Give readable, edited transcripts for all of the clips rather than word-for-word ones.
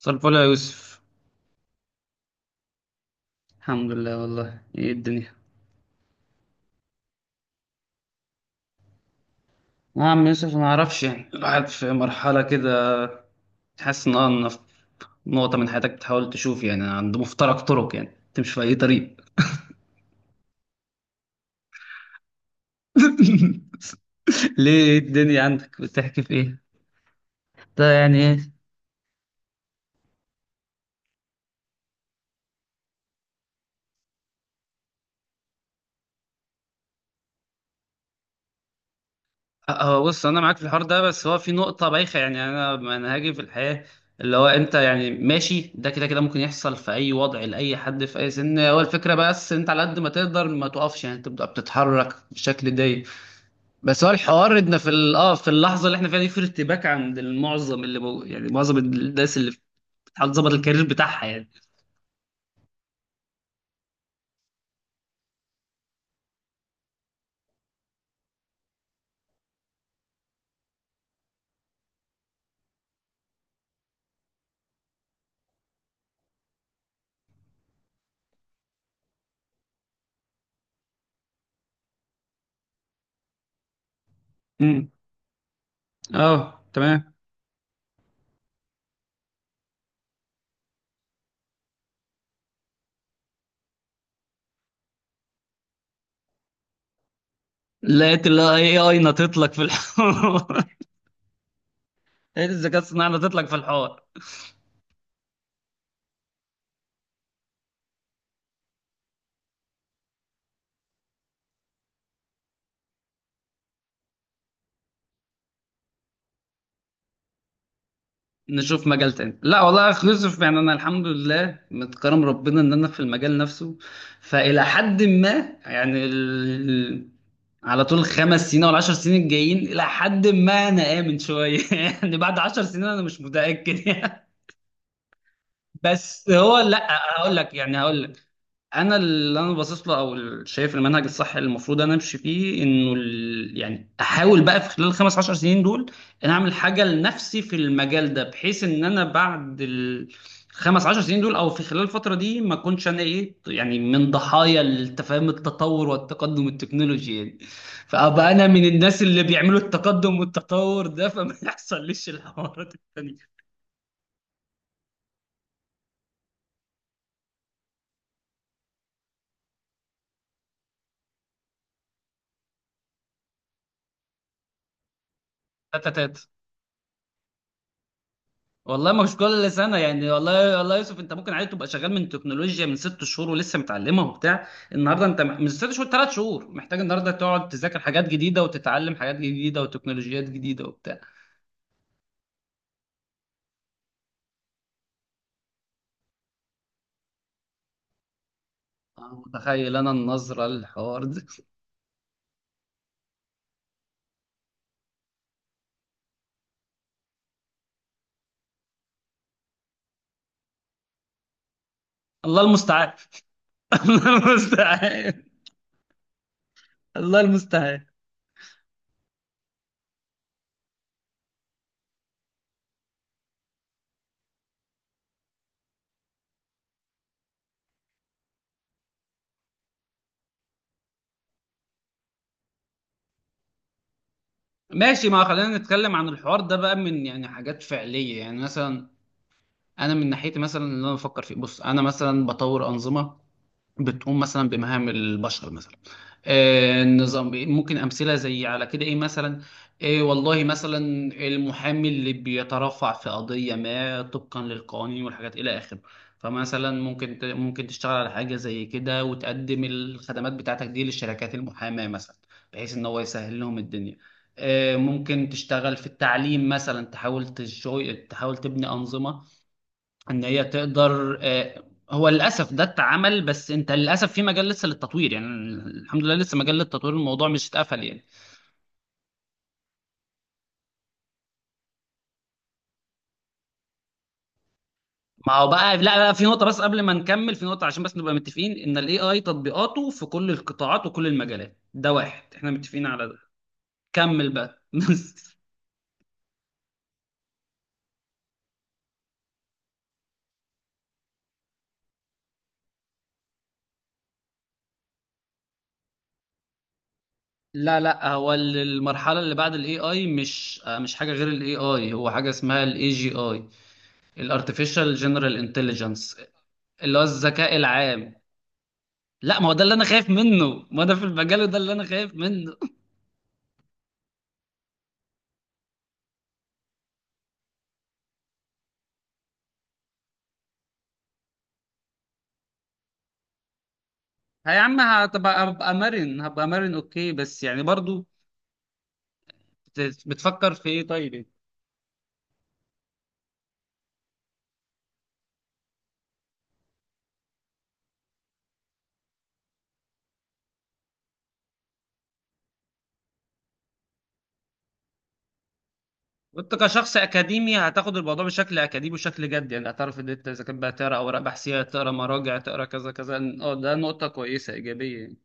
مساء الفل يا يوسف. الحمد لله، والله ايه الدنيا؟ يا عم يوسف، ما اعرفش، يعني الواحد في مرحلة كده، تحس ان انا في نقطة من حياتك، بتحاول تشوف، يعني عند مفترق طرق، يعني تمشي في اي طريق. ليه، إيه الدنيا عندك، بتحكي في ايه؟ ده يعني. هو بص، انا معاك في الحوار ده، بس هو في نقطه بايخه، يعني انا منهجي في الحياه اللي هو انت، يعني ماشي ده كده كده، ممكن يحصل في اي وضع لاي حد في اي سن، هو الفكره بس انت على قد ما تقدر ما تقفش، يعني تبدا بتتحرك بالشكل ده. بس هو الحوار ان في في اللحظه اللي احنا فيها دي في ارتباك عند المعظم، اللي يعني معظم الناس اللي بتحاول تظبط الكارير بتاعها يعني. امم اه، تمام. لقيت الاي اي نطت لك في الحوار. لقيت الذكاء الصناعي نطت لك في الحوار. نشوف مجال تاني. لا والله اكلوزيف، يعني انا الحمد لله متكرم ربنا ان انا في المجال نفسه، فالى حد ما يعني على طول الخمس سنين او العشر سنين الجايين، الى حد ما انا امن شويه يعني. بعد 10 سنين انا مش متاكد يعني. بس هو لا، هقول لك انا اللي انا باصص له، او شايف المنهج الصح اللي المفروض انا امشي فيه. انه يعني احاول بقى في خلال الخمس عشر سنين دول ان اعمل حاجه لنفسي في المجال ده، بحيث ان انا بعد الخمس عشر سنين دول او في خلال الفتره دي ما اكونش انا ايه، يعني من ضحايا التفاهم التطور والتقدم التكنولوجي يعني. فابقى انا من الناس اللي بيعملوا التقدم والتطور ده، فما يحصلش الحوارات التانيه. تاتا تاتا. والله مش كل سنه يعني، والله والله يا يوسف، انت ممكن عادي تبقى شغال من تكنولوجيا من 6 شهور ولسه متعلمها وبتاع، النهارده انت من 6 شهور 3 شهور محتاج النهارده تقعد تذاكر حاجات جديده وتتعلم حاجات جديده وتكنولوجيات جديده وبتاع. أنا متخيل انا النظره للحوار ده. الله المستعان. الله المستعان. الله المستعان. ماشي، ما خلينا نتكلم عن الحوار ده بقى من يعني حاجات فعليه يعني، مثلا انا من ناحيتي، مثلا اللي انا بفكر فيه، بص انا مثلا بطور انظمه بتقوم مثلا بمهام البشر مثلا. نظام إيه، ممكن امثله زي على كده ايه مثلا؟ إيه والله، مثلا المحامي اللي بيترفع في قضيه ما طبقا للقوانين والحاجات الى اخره، فمثلا ممكن ممكن تشتغل على حاجه زي كده وتقدم الخدمات بتاعتك دي للشركات المحاماه مثلا، بحيث ان هو يسهل لهم الدنيا. ممكن تشتغل في التعليم مثلا، تحاول تحاول تبني انظمه ان هي تقدر. هو للاسف ده اتعمل، بس انت للاسف في مجال لسه للتطوير، يعني الحمد لله لسه مجال للتطوير، الموضوع مش اتقفل يعني. ما هو بقى لا لا، في نقطه بس قبل ما نكمل، في نقطه عشان بس نبقى متفقين ان الاي اي تطبيقاته في كل القطاعات وكل المجالات، ده واحد احنا متفقين على ده. كمل بقى. بس. لا لا، هو المرحله اللي بعد الاي اي مش مش حاجه غير الاي اي، هو حاجه اسمها الاي جي اي، الارتفيشال جنرال انتليجنس، اللي هو الذكاء العام. لا، ما هو ده اللي انا خايف منه، ما ده في المجال وده اللي انا خايف منه. ها يا عم، هتبقى، هبقى مرن، هبقى مرن اوكي، بس يعني برضو بتفكر في ايه طيب؟ وانت كشخص اكاديمي هتاخد الموضوع بشكل اكاديمي وشكل جد، يعني هتعرف ان انت اذا كان بقى تقرا اوراق بحثيه، تقرا مراجع، تقرا كذا كذا. اه، ده نقطه كويسه ايجابيه يعني.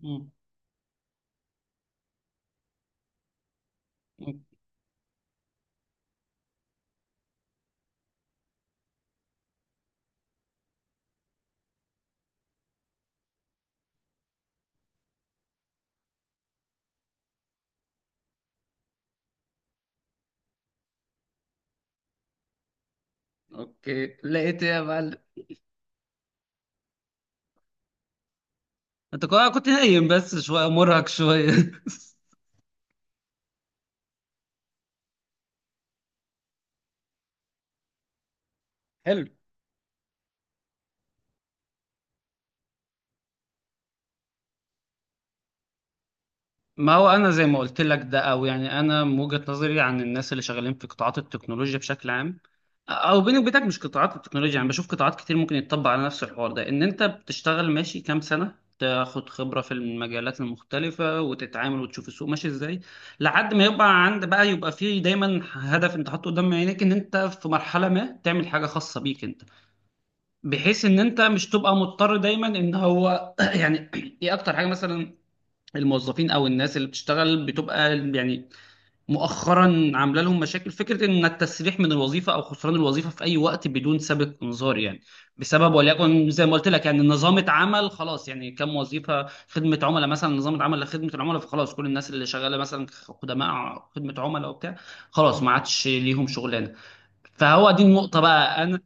مم. مم. اوكي، لقيت ايه يا معلم؟ انت كنت نايم بس شويه، مرهق شويه. حلو. ما هو انا زي ما قلت لك، ده او يعني انا من وجهة نظري عن الناس اللي شغالين في قطاعات التكنولوجيا بشكل عام، او بيني وبينك مش قطاعات التكنولوجيا، يعني بشوف قطاعات كتير ممكن يتطبق على نفس الحوار ده، ان انت بتشتغل ماشي كام سنة، تاخد خبرة في المجالات المختلفة وتتعامل وتشوف السوق ماشي ازاي، لحد ما يبقى عند بقى، يبقى فيه دايما هدف انت حاطه قدام عينيك ان انت في مرحلة ما تعمل حاجة خاصة بيك انت، بحيث ان انت مش تبقى مضطر دايما ان هو يعني. ايه اكتر حاجة مثلا؟ الموظفين او الناس اللي بتشتغل بتبقى يعني مؤخرا عامله لهم مشاكل، فكره ان التسريح من الوظيفه او خسران الوظيفه في اي وقت بدون سابق انذار يعني، بسبب وليكن زي ما قلت لك يعني، نظامه عمل خلاص يعني، كم وظيفه خدمه عملاء مثلا نظامه عمل لخدمه العملاء، فخلاص كل الناس اللي شغاله مثلا خدماء خدمه عملاء وبتاع، خلاص ما عادش ليهم شغلانه. فهو دي النقطه بقى، انا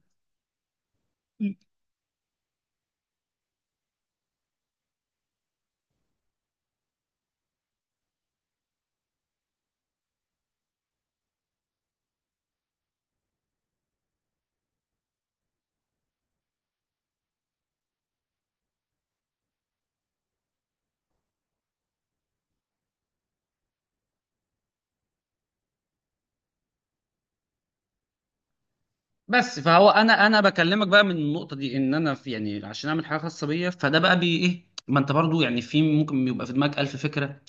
بس فهو انا بكلمك بقى من النقطه دي ان انا في، يعني عشان اعمل حاجه خاصه بيا. فده بقى بي ايه، ما انت برضو يعني في، ممكن يبقى في دماغك الف فكره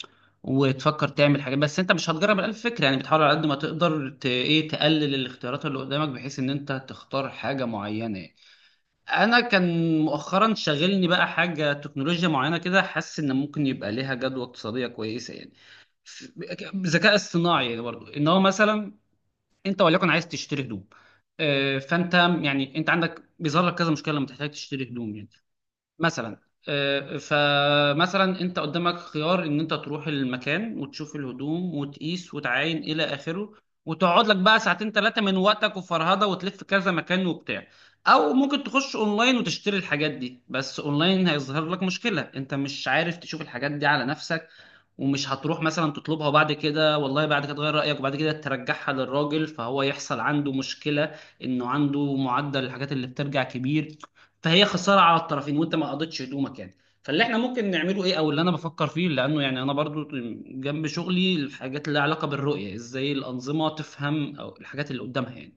وتفكر تعمل حاجات، بس انت مش هتجرب الالف فكره يعني، بتحاول على قد ما تقدر ايه تقلل الاختيارات اللي قدامك بحيث ان انت تختار حاجه معينه يعني. انا كان مؤخرا شاغلني بقى حاجه تكنولوجيا معينه كده، حاسس ان ممكن يبقى ليها جدوى اقتصاديه كويسه يعني. ف- ذكاء اصطناعي برضو ان هو مثلا انت وليكن عايز تشتري هدوم. فانت يعني انت عندك بيظهر لك كذا مشكله لما تحتاج تشتري هدوم يعني، مثلا. فمثلا انت قدامك خيار ان انت تروح المكان وتشوف الهدوم وتقيس وتعاين الى اخره، وتقعد لك بقى ساعتين ثلاثه من وقتك وفرهده وتلف كذا مكان وبتاع. او ممكن تخش اونلاين وتشتري الحاجات دي، بس اونلاين هيظهر لك مشكله، انت مش عارف تشوف الحاجات دي على نفسك، ومش هتروح مثلا تطلبها بعد كده، والله بعد كده تغير رأيك، وبعد كده ترجعها للراجل، فهو يحصل عنده مشكلة انه عنده معدل الحاجات اللي بترجع كبير، فهي خسارة على الطرفين، وانت ما قضيتش هدومك يعني. فاللي احنا ممكن نعمله ايه، او اللي انا بفكر فيه، لانه يعني انا برضو جنب شغلي الحاجات اللي لها علاقة بالرؤية، ازاي الأنظمة تفهم او الحاجات اللي قدامها يعني،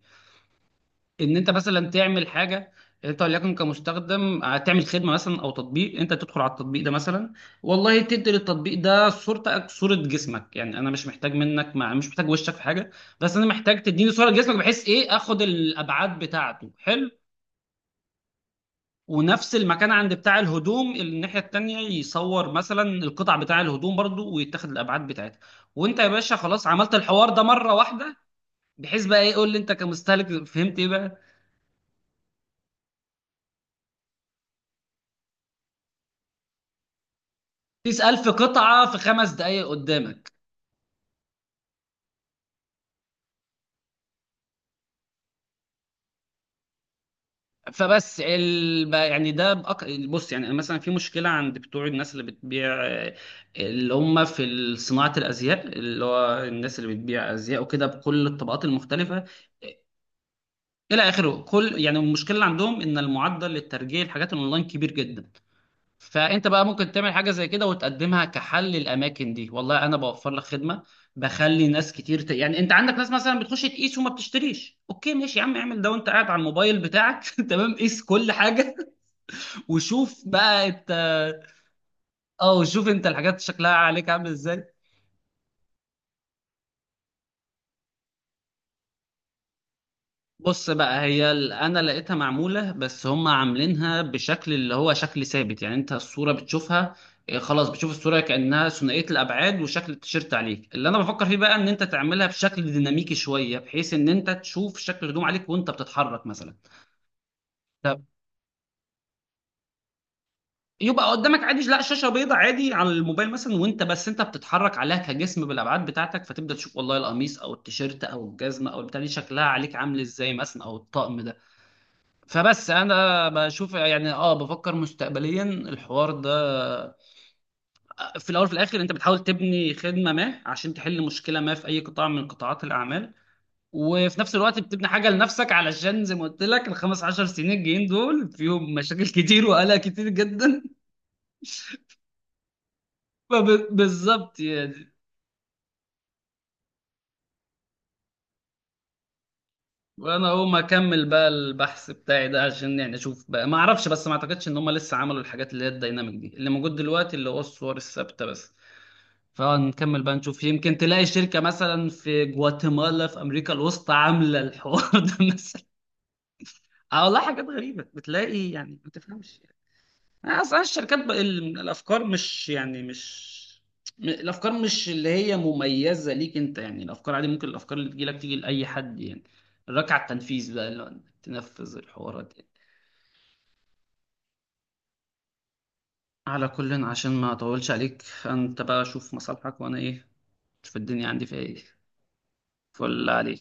ان انت مثلا تعمل حاجه، انت وليكن كمستخدم، تعمل خدمه مثلا او تطبيق، انت تدخل على التطبيق ده مثلا، والله تدي للتطبيق ده صورتك، صوره جسمك، يعني انا مش محتاج منك، ما مش محتاج وشك في حاجه، بس انا محتاج تديني صوره جسمك، بحيث ايه، اخد الابعاد بتاعته. حلو. ونفس المكان عند بتاع الهدوم الناحيه التانيه يصور مثلا القطع بتاع الهدوم برضو ويتاخد الابعاد بتاعتها. وانت يا باشا خلاص عملت الحوار ده مره واحده. بحيث بقى ايه، قول لي انت كمستهلك فهمت ايه بقى، تسأل في قطعة في 5 دقايق قدامك. فبس يعني ده بص يعني مثلا في مشكلة عند بتوع الناس اللي بتبيع، اللي هم في صناعة الأزياء، اللي هو الناس اللي بتبيع أزياء وكده بكل الطبقات المختلفة إلى آخره، كل يعني المشكلة اللي عندهم إن المعدل للترجيع الحاجات الأونلاين كبير جدا. فانت بقى ممكن تعمل حاجه زي كده وتقدمها كحل للاماكن دي، والله انا بوفر لك خدمه بخلي ناس كتير يعني انت عندك ناس مثلا بتخش تقيس وما بتشتريش، اوكي ماشي يا عم، اعمل ده وانت قاعد على الموبايل بتاعك. تمام، قيس كل حاجه. وشوف بقى انت. اه، وشوف انت الحاجات شكلها عليك عامل ازاي. بص بقى هي انا لقيتها معموله، بس هم عاملينها بشكل اللي هو شكل ثابت يعني، انت الصوره بتشوفها، إيه، خلاص بتشوف الصوره كانها ثنائيه الابعاد وشكل التيشيرت عليك. اللي انا بفكر فيه بقى ان انت تعملها بشكل ديناميكي شويه، بحيث ان انت تشوف شكل الهدوم عليك وانت بتتحرك مثلا، طب يبقى قدامك عادي لا شاشه بيضاء عادي على الموبايل مثلا، وانت بس انت بتتحرك عليها كجسم بالابعاد بتاعتك، فتبدا تشوف والله القميص او التيشيرت او الجزمه او البتاع دي شكلها عليك عامل ازاي مثلا، او الطقم ده. فبس انا بشوف يعني، بفكر مستقبليا الحوار ده، في الاول وفي الاخر انت بتحاول تبني خدمه ما عشان تحل مشكله ما في اي قطاع من قطاعات الاعمال، وفي نفس الوقت بتبني حاجه لنفسك، علشان زي ما قلت لك الخمس عشر سنين الجايين دول فيهم مشاكل كتير وقلق كتير جدا. فبالظبط يعني. وانا هقوم اكمل بقى البحث بتاعي ده عشان يعني اشوف بقى، ما اعرفش بس ما اعتقدش ان هم لسه عملوا الحاجات اللي هي الديناميك دي، اللي موجود دلوقتي اللي هو الصور الثابته بس، فنكمل بقى نشوف، يمكن تلاقي شركة مثلا في جواتيمالا في أمريكا الوسطى عاملة الحوار ده. مثلا. اه والله حاجات غريبة بتلاقي يعني ما تفهمش، يعني أصلا الشركات بقى الأفكار مش يعني مش الأفكار مش اللي هي مميزة ليك أنت يعني، الأفكار عادي ممكن الأفكار اللي تجيلك تيجي لأي حد يعني، الركعة التنفيذ بقى اللي هو إنك تنفذ الحوارات يعني. على كل عشان ما أطولش عليك، أنت بقى شوف مصالحك وأنا إيه، شوف الدنيا عندي فيها إيه. فل عليك.